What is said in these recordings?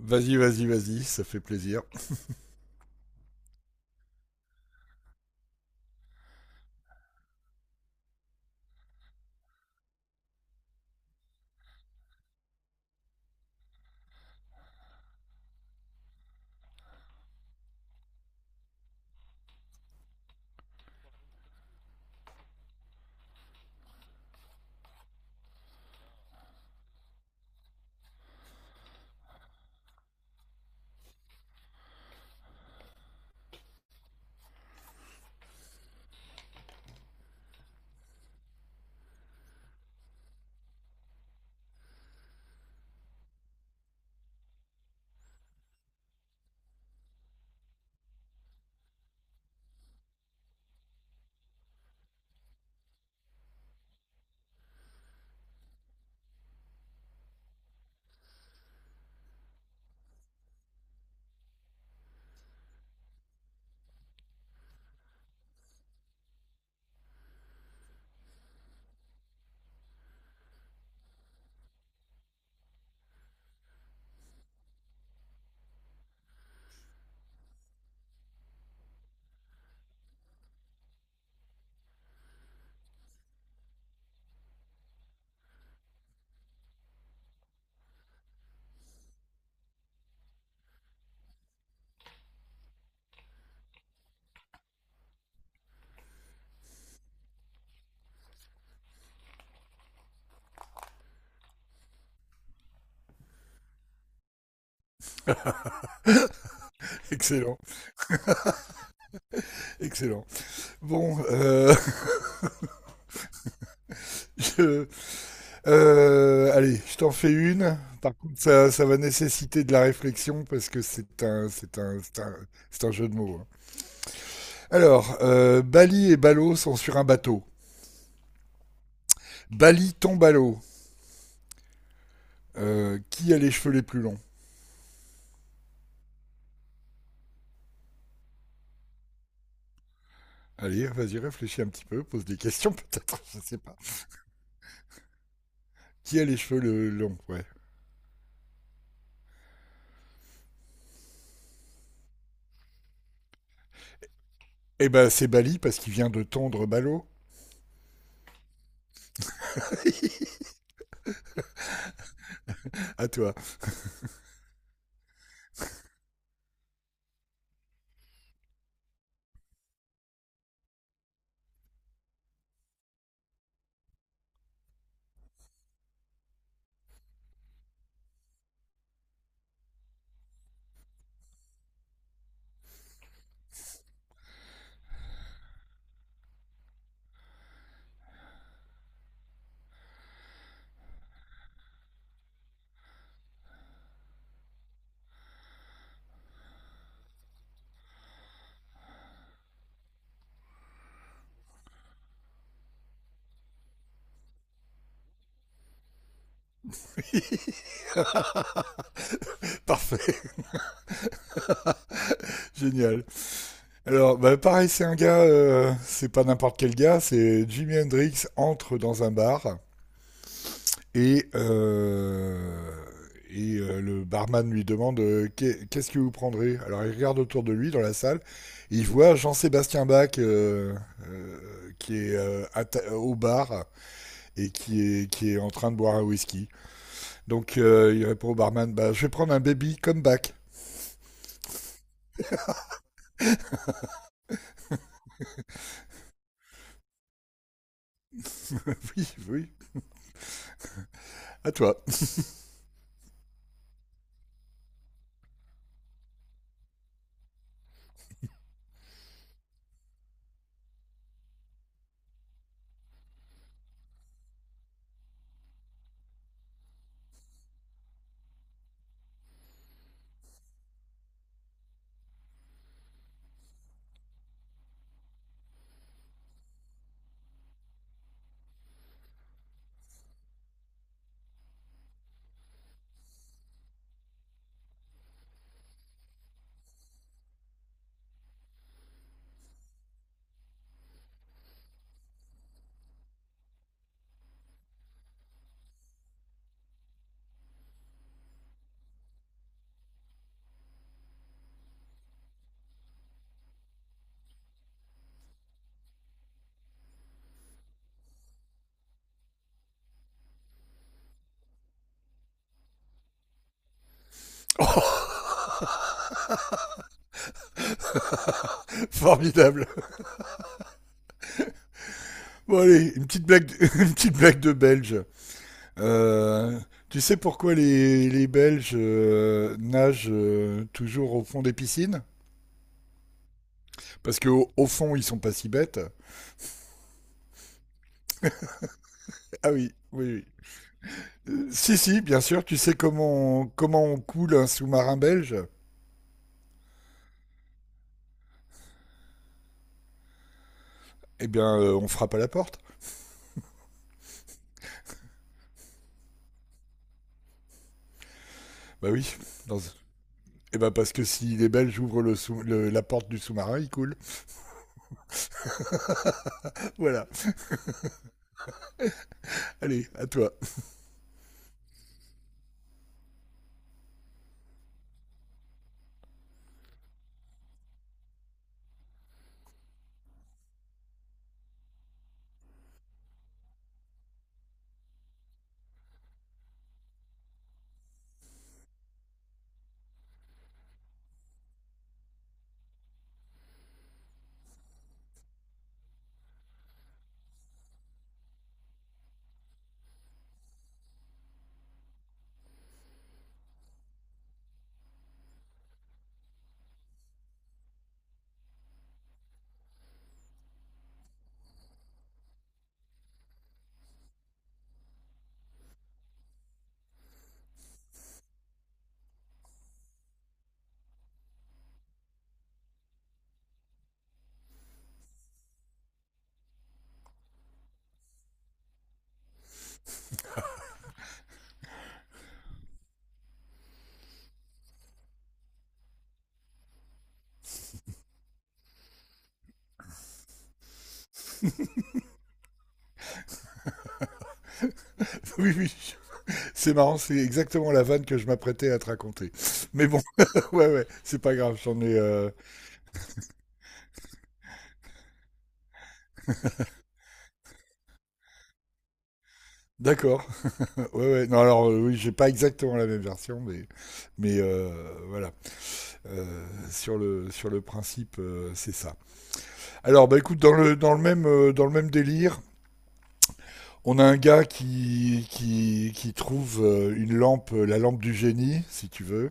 Vas-y, vas-y, vas-y, ça fait plaisir. Excellent, excellent. Bon, je- allez, je t'en fais une. Par contre, ça va nécessiter de la réflexion parce que c'est un jeu de mots, hein. Alors, Bali et Balo sont sur un bateau. Bali tombe à l'eau. Qui a les cheveux les plus longs? Allez, vas-y, réfléchis un petit peu, pose des questions peut-être, je sais pas. Qui a les cheveux le longs? Ouais. Eh ben, c'est Bali parce qu'il vient de tondre Balo. À toi. Parfait. Génial. Alors, bah, pareil, c'est un gars, c'est pas n'importe quel gars, c'est Jimi Hendrix entre dans un bar et, euh, et le barman lui demande, qu'est-ce que vous prendrez. Alors, il regarde autour de lui dans la salle et il voit Jean-Sébastien Bach, qui est au bar et qui est en train de boire un whisky. Donc, il répond au barman, bah, je vais prendre un baby comme Bach. Oui, oui, à toi. Formidable. Bon allez, une petite blague une petite blague de Belge. Euh, tu sais pourquoi les Belges nagent toujours au fond des piscines? Parce qu'au au fond, ils sont pas si bêtes. Ah oui, oui, oui. Si, si, bien sûr. Tu sais comment, comment on coule un sous-marin belge? Eh bien, on frappe à la porte. Bah oui. Dans... Eh ben parce que si les Belges ouvrent la porte du sous-marin, ils coulent. Voilà. Allez, à toi. Oui, oui. C'est marrant, c'est exactement la vanne que je m'apprêtais à te raconter. Mais bon, ouais, ouais, c'est pas grave, j'en ai. D'accord. Ouais, ouais. Non, alors, oui, j'ai pas exactement la même version, mais, mais voilà. Sur le principe, c'est ça. Alors, bah écoute, dans le même délire, on a un gars qui, qui trouve une lampe, la lampe du génie, si tu veux.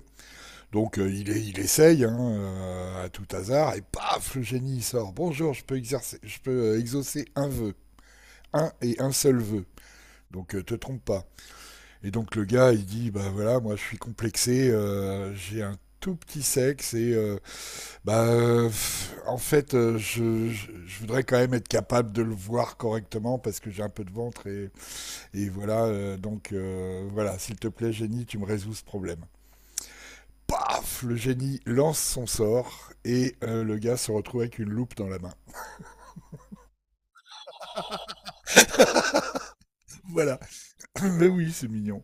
Donc il, est, il essaye hein, à tout hasard et paf, le génie il sort. Bonjour, je peux, exercer, je peux exaucer un vœu, un et un seul vœu. Donc te trompe pas. Et donc le gars il dit bah voilà moi je suis complexé, j'ai un tout petit sexe et pff, en fait je voudrais quand même être capable de le voir correctement parce que j'ai un peu de ventre et voilà donc voilà s'il te plaît génie tu me résous ce problème. Paf, le génie lance son sort et le gars se retrouve avec une loupe dans la main. Voilà. Mais oui, c'est mignon.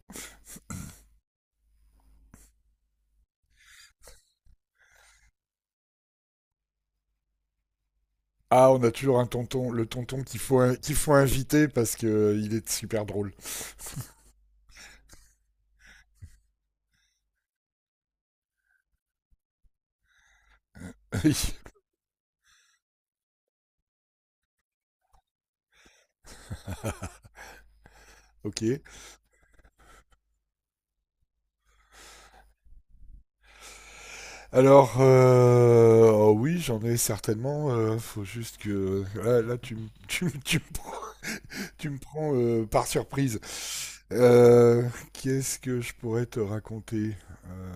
Ah, on a toujours un tonton, le tonton qu'il faut inviter parce que il est super drôle. Ok. Alors, oh oui, j'en ai certainement. Faut juste que là, là, tu me prends, par surprise. Euh, Qu'est-ce que je pourrais te raconter. Euh,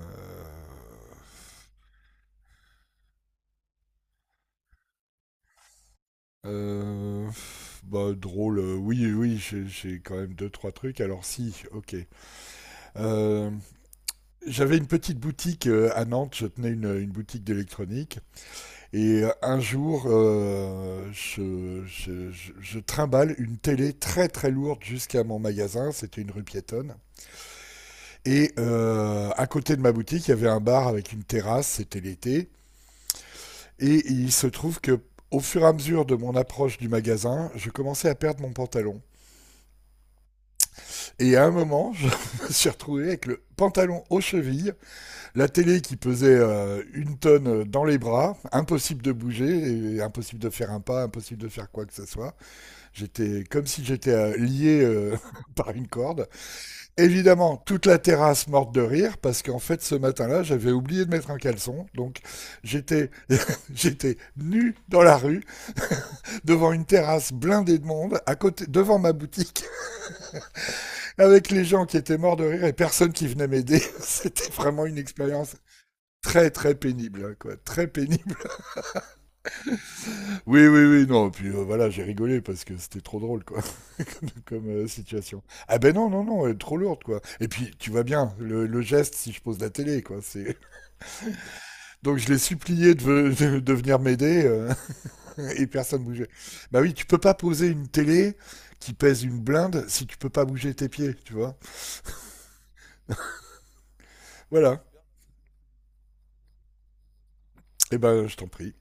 Euh, bah, drôle, oui, oui, j'ai quand même deux, trois trucs. Alors, si, ok. Euh, j'avais une petite boutique à Nantes, je tenais une boutique d'électronique. Et un jour, je trimballe une télé très, très lourde jusqu'à mon magasin. C'était une rue piétonne. Et à côté de ma boutique, il y avait un bar avec une terrasse, c'était l'été. Et il se trouve que, au fur et à mesure de mon approche du magasin, je commençais à perdre mon pantalon. Et à un moment, je me suis retrouvé avec le pantalon aux chevilles, la télé qui pesait une tonne dans les bras, impossible de bouger, et impossible de faire un pas, impossible de faire quoi que ce soit. J'étais comme si j'étais lié par une corde. Évidemment, toute la terrasse morte de rire parce qu'en fait ce matin-là, j'avais oublié de mettre un caleçon, donc j'étais j'étais nu dans la rue devant une terrasse blindée de monde à côté devant ma boutique avec les gens qui étaient morts de rire et personne qui venait m'aider. C'était vraiment une expérience très très pénible, quoi, très pénible. Oui, oui, oui, non. Puis voilà, j'ai rigolé parce que c'était trop drôle, quoi, comme situation. Ah ben non, non, non, trop lourde, quoi. Et puis tu vois bien le geste si je pose la télé, quoi. C'est donc je l'ai supplié de, de venir m'aider, et personne bougeait. Bah oui, tu peux pas poser une télé qui pèse une blinde si tu peux pas bouger tes pieds, tu vois. Voilà. Et ben, je t'en prie.